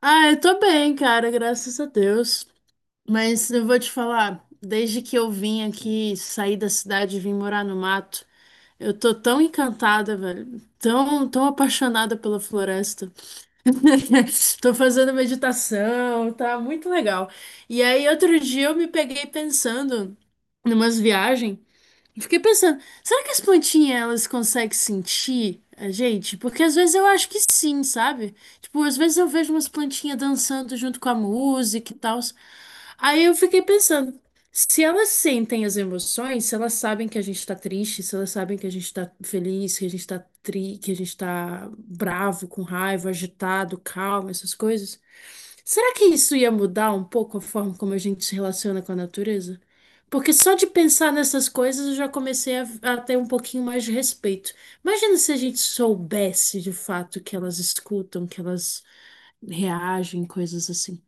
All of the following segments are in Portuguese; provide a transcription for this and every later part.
Ah, eu tô bem, cara, graças a Deus. Mas eu vou te falar, desde que eu vim aqui, saí da cidade e vim morar no mato, eu tô tão encantada, velho, tão apaixonada pela floresta. Tô fazendo meditação, tá muito legal. E aí, outro dia eu me peguei pensando numas viagens. E fiquei pensando, será que as plantinhas elas conseguem sentir a gente? Porque às vezes eu acho que sim, sabe? Tipo, às vezes eu vejo umas plantinhas dançando junto com a música e tal. Aí eu fiquei pensando, se elas sentem as emoções, se elas sabem que a gente tá triste, se elas sabem que a gente tá feliz, que a gente tá tri, que a gente tá bravo, com raiva, agitado, calmo, essas coisas. Será que isso ia mudar um pouco a forma como a gente se relaciona com a natureza? Porque só de pensar nessas coisas eu já comecei a ter um pouquinho mais de respeito. Imagina se a gente soubesse de fato que elas escutam, que elas reagem, coisas assim.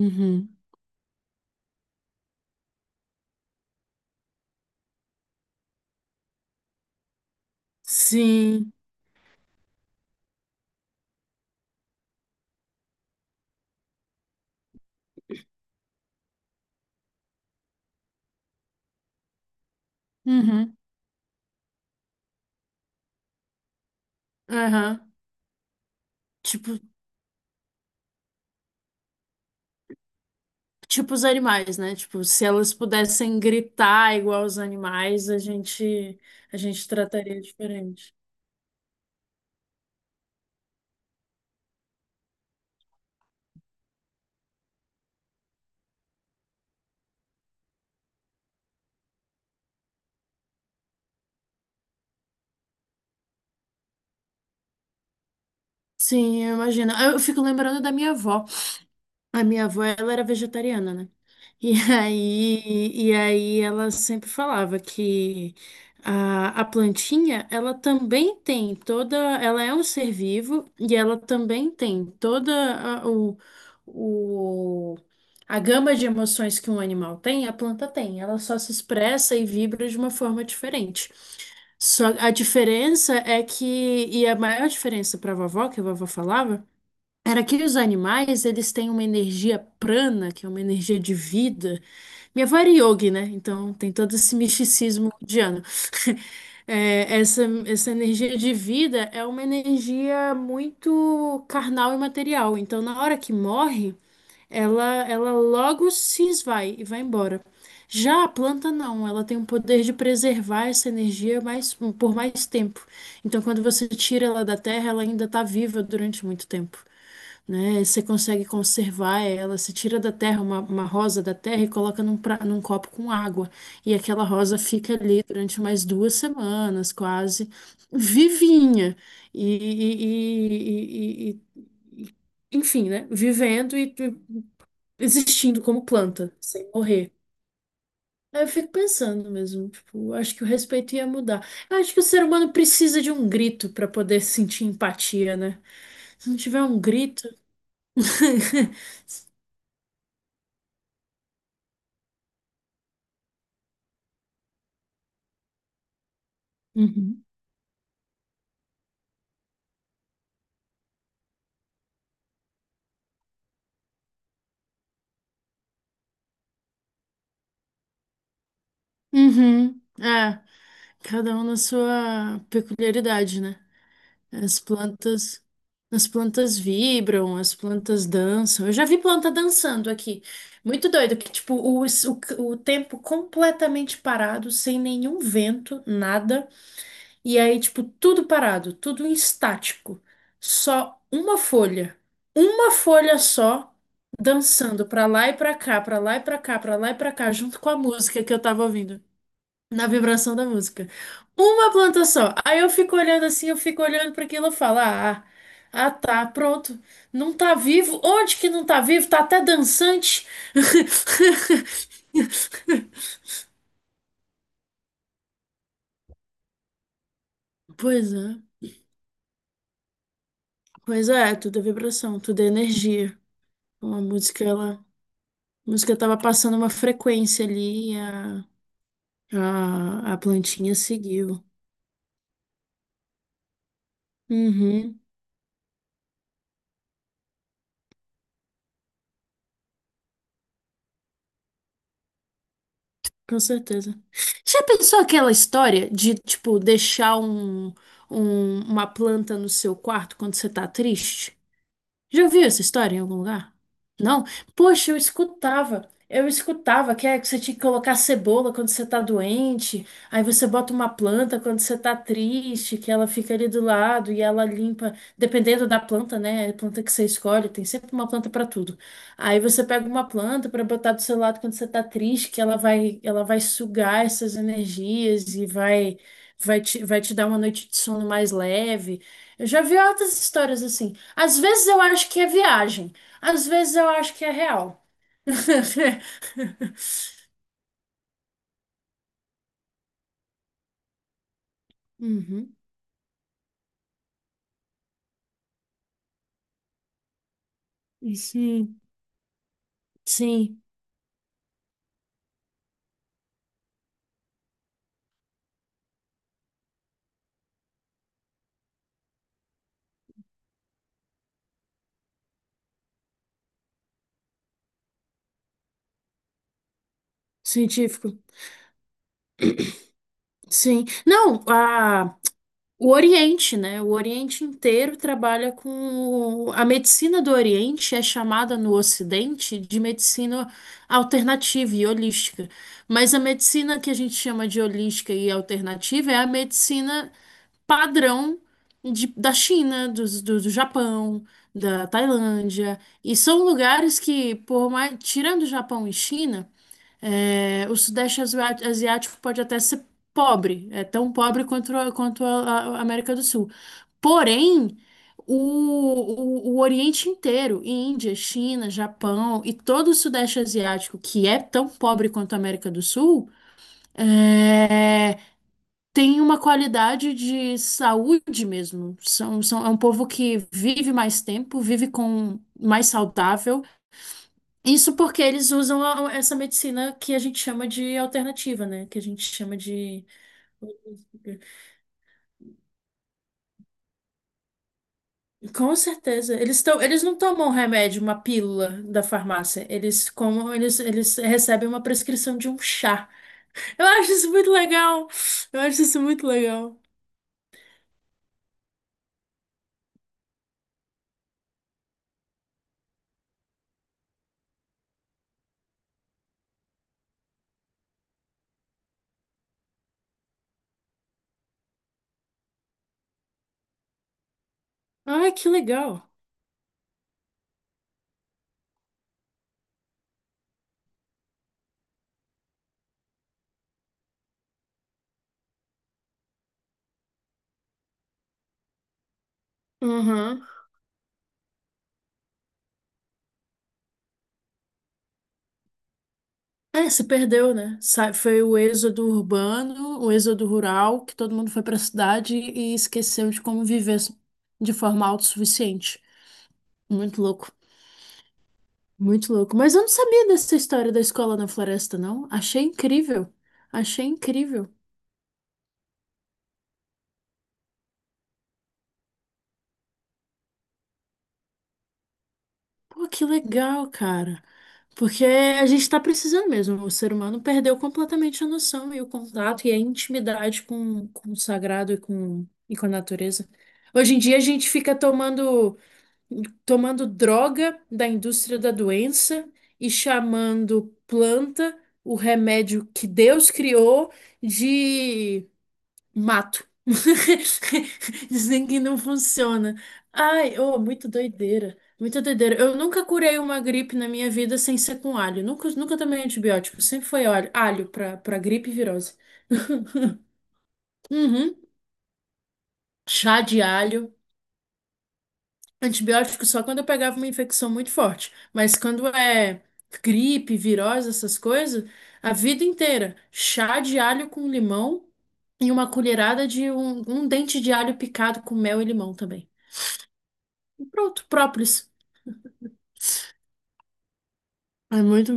Uhum. Sim. Uhum. Aham. Tipo, tipo os animais, né? Tipo, se elas pudessem gritar igual os animais, a gente trataria diferente. Sim, eu imagino. Eu fico lembrando da minha avó. A minha avó, ela era vegetariana, né? E aí ela sempre falava que a plantinha, ela também tem toda, ela é um ser vivo e ela também tem toda o, a gama de emoções que um animal tem, a planta tem. Ela só se expressa e vibra de uma forma diferente. Só a diferença é que, e a maior diferença para a vovó, que a vovó falava, era que os animais, eles têm uma energia prana, que é uma energia de vida. Minha avó era yogi, né? Então tem todo esse misticismo indiano. É, essa energia de vida é uma energia muito carnal e material. Então, na hora que morre, ela logo se esvai e vai embora. Já a planta não, ela tem um poder de preservar essa energia mais, por mais tempo. Então, quando você tira ela da terra, ela ainda está viva durante muito tempo, né? Você consegue conservar ela, você tira da terra uma rosa da terra e coloca num copo com água. E aquela rosa fica ali durante mais duas semanas, quase, vivinha. E, e- e- e- e- e- Enfim, né? Vivendo e existindo como planta, sem morrer. Aí eu fico pensando mesmo, tipo, acho que o respeito ia mudar. Eu acho que o ser humano precisa de um grito para poder sentir empatia, né? Se não tiver um grito. Uhum. Uhum. É, cada um na sua peculiaridade, né? As plantas, as plantas vibram, as plantas dançam. Eu já vi planta dançando aqui. Muito doido, que tipo, o tempo completamente parado, sem nenhum vento, nada. E aí, tipo, tudo parado, tudo em estático. Só uma folha. Uma folha só. Dançando pra lá e pra cá, pra lá e pra cá, pra lá e pra cá, junto com a música que eu tava ouvindo na vibração da música. Uma planta só. Aí eu fico olhando assim, eu fico olhando para aquilo e falo, ah, tá, pronto. Não tá vivo. Onde que não tá vivo? Tá até dançante. Pois é, pois é, tudo é vibração, tudo é energia. Então, a música, ela, a música tava passando uma frequência ali e a plantinha seguiu. Uhum. Com certeza. Já pensou aquela história de, tipo, uma planta no seu quarto quando você tá triste? Já ouviu essa história em algum lugar? Não? Poxa, eu escutava. Eu escutava que é que você tinha que colocar cebola quando você tá doente, aí você bota uma planta quando você tá triste, que ela fica ali do lado e ela limpa, dependendo da planta, né? A planta que você escolhe, tem sempre uma planta pra tudo. Aí você pega uma planta pra botar do seu lado quando você tá triste, que ela vai sugar essas energias e vai te dar uma noite de sono mais leve. Eu já vi outras histórias assim. Às vezes eu acho que é viagem, às vezes eu acho que é real. Uhum. Sim, sim, científico. Sim. Não, a, o Oriente, né? O Oriente inteiro trabalha com. A medicina do Oriente é chamada no Ocidente de medicina alternativa e holística. Mas a medicina que a gente chama de holística e alternativa é a medicina padrão da China, do Japão, da Tailândia. E são lugares que, por mais, tirando Japão e China, é, o Asiático pode até ser pobre, é tão pobre quanto, quanto a América do Sul. Porém, o Oriente inteiro, Índia, China, Japão e todo o Sudeste Asiático, que é tão pobre quanto a América do Sul, eh, tem uma qualidade de saúde mesmo. É um povo que vive mais tempo, vive com mais saudável. Isso porque eles usam essa medicina que a gente chama de alternativa, né? Que a gente chama de. Com certeza. Eles tão, eles não tomam remédio, uma pílula da farmácia. Eles comam, eles recebem uma prescrição de um chá. Eu acho isso muito legal. Eu acho isso muito legal. Ai, que legal. Uhum. É, se perdeu, né? Foi o êxodo urbano, o êxodo rural, que todo mundo foi para a cidade e esqueceu de como viver de forma autossuficiente. Muito louco, muito louco. Mas eu não sabia dessa história da escola na floresta, não. Achei incrível, achei incrível. Pô, que legal, cara. Porque a gente tá precisando mesmo. O ser humano perdeu completamente a noção e o contato e a intimidade com o sagrado e com a natureza. Hoje em dia a gente fica tomando. Tomando droga da indústria da doença e chamando planta, o remédio que Deus criou, de mato. Dizem que não funciona. Ai, oh, muito doideira. Muita doideira. Eu nunca curei uma gripe na minha vida sem ser com alho. Nunca, nunca tomei antibiótico. Sempre foi alho, alho para gripe e virose. Uhum. Chá de alho. Antibiótico só quando eu pegava uma infecção muito forte. Mas quando é gripe, virose, essas coisas, a vida inteira. Chá de alho com limão e uma colherada de um dente de alho picado com mel e limão também. E pronto, própolis. É muito,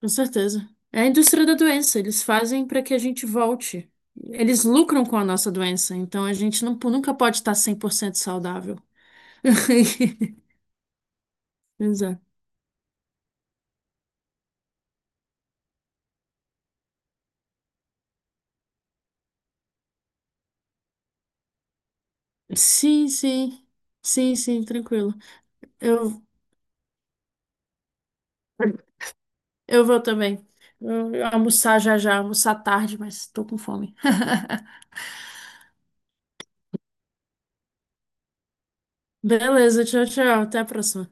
com certeza. É a indústria da doença. Eles fazem para que a gente volte. Eles lucram com a nossa doença. Então a gente nunca pode estar 100% saudável. Exato. Sim, sim. Sim, sim, tranquilo. Eu. Eu vou também. Eu almoçar já já, almoçar tarde, mas tô com fome. Beleza, tchau, tchau. Até a próxima.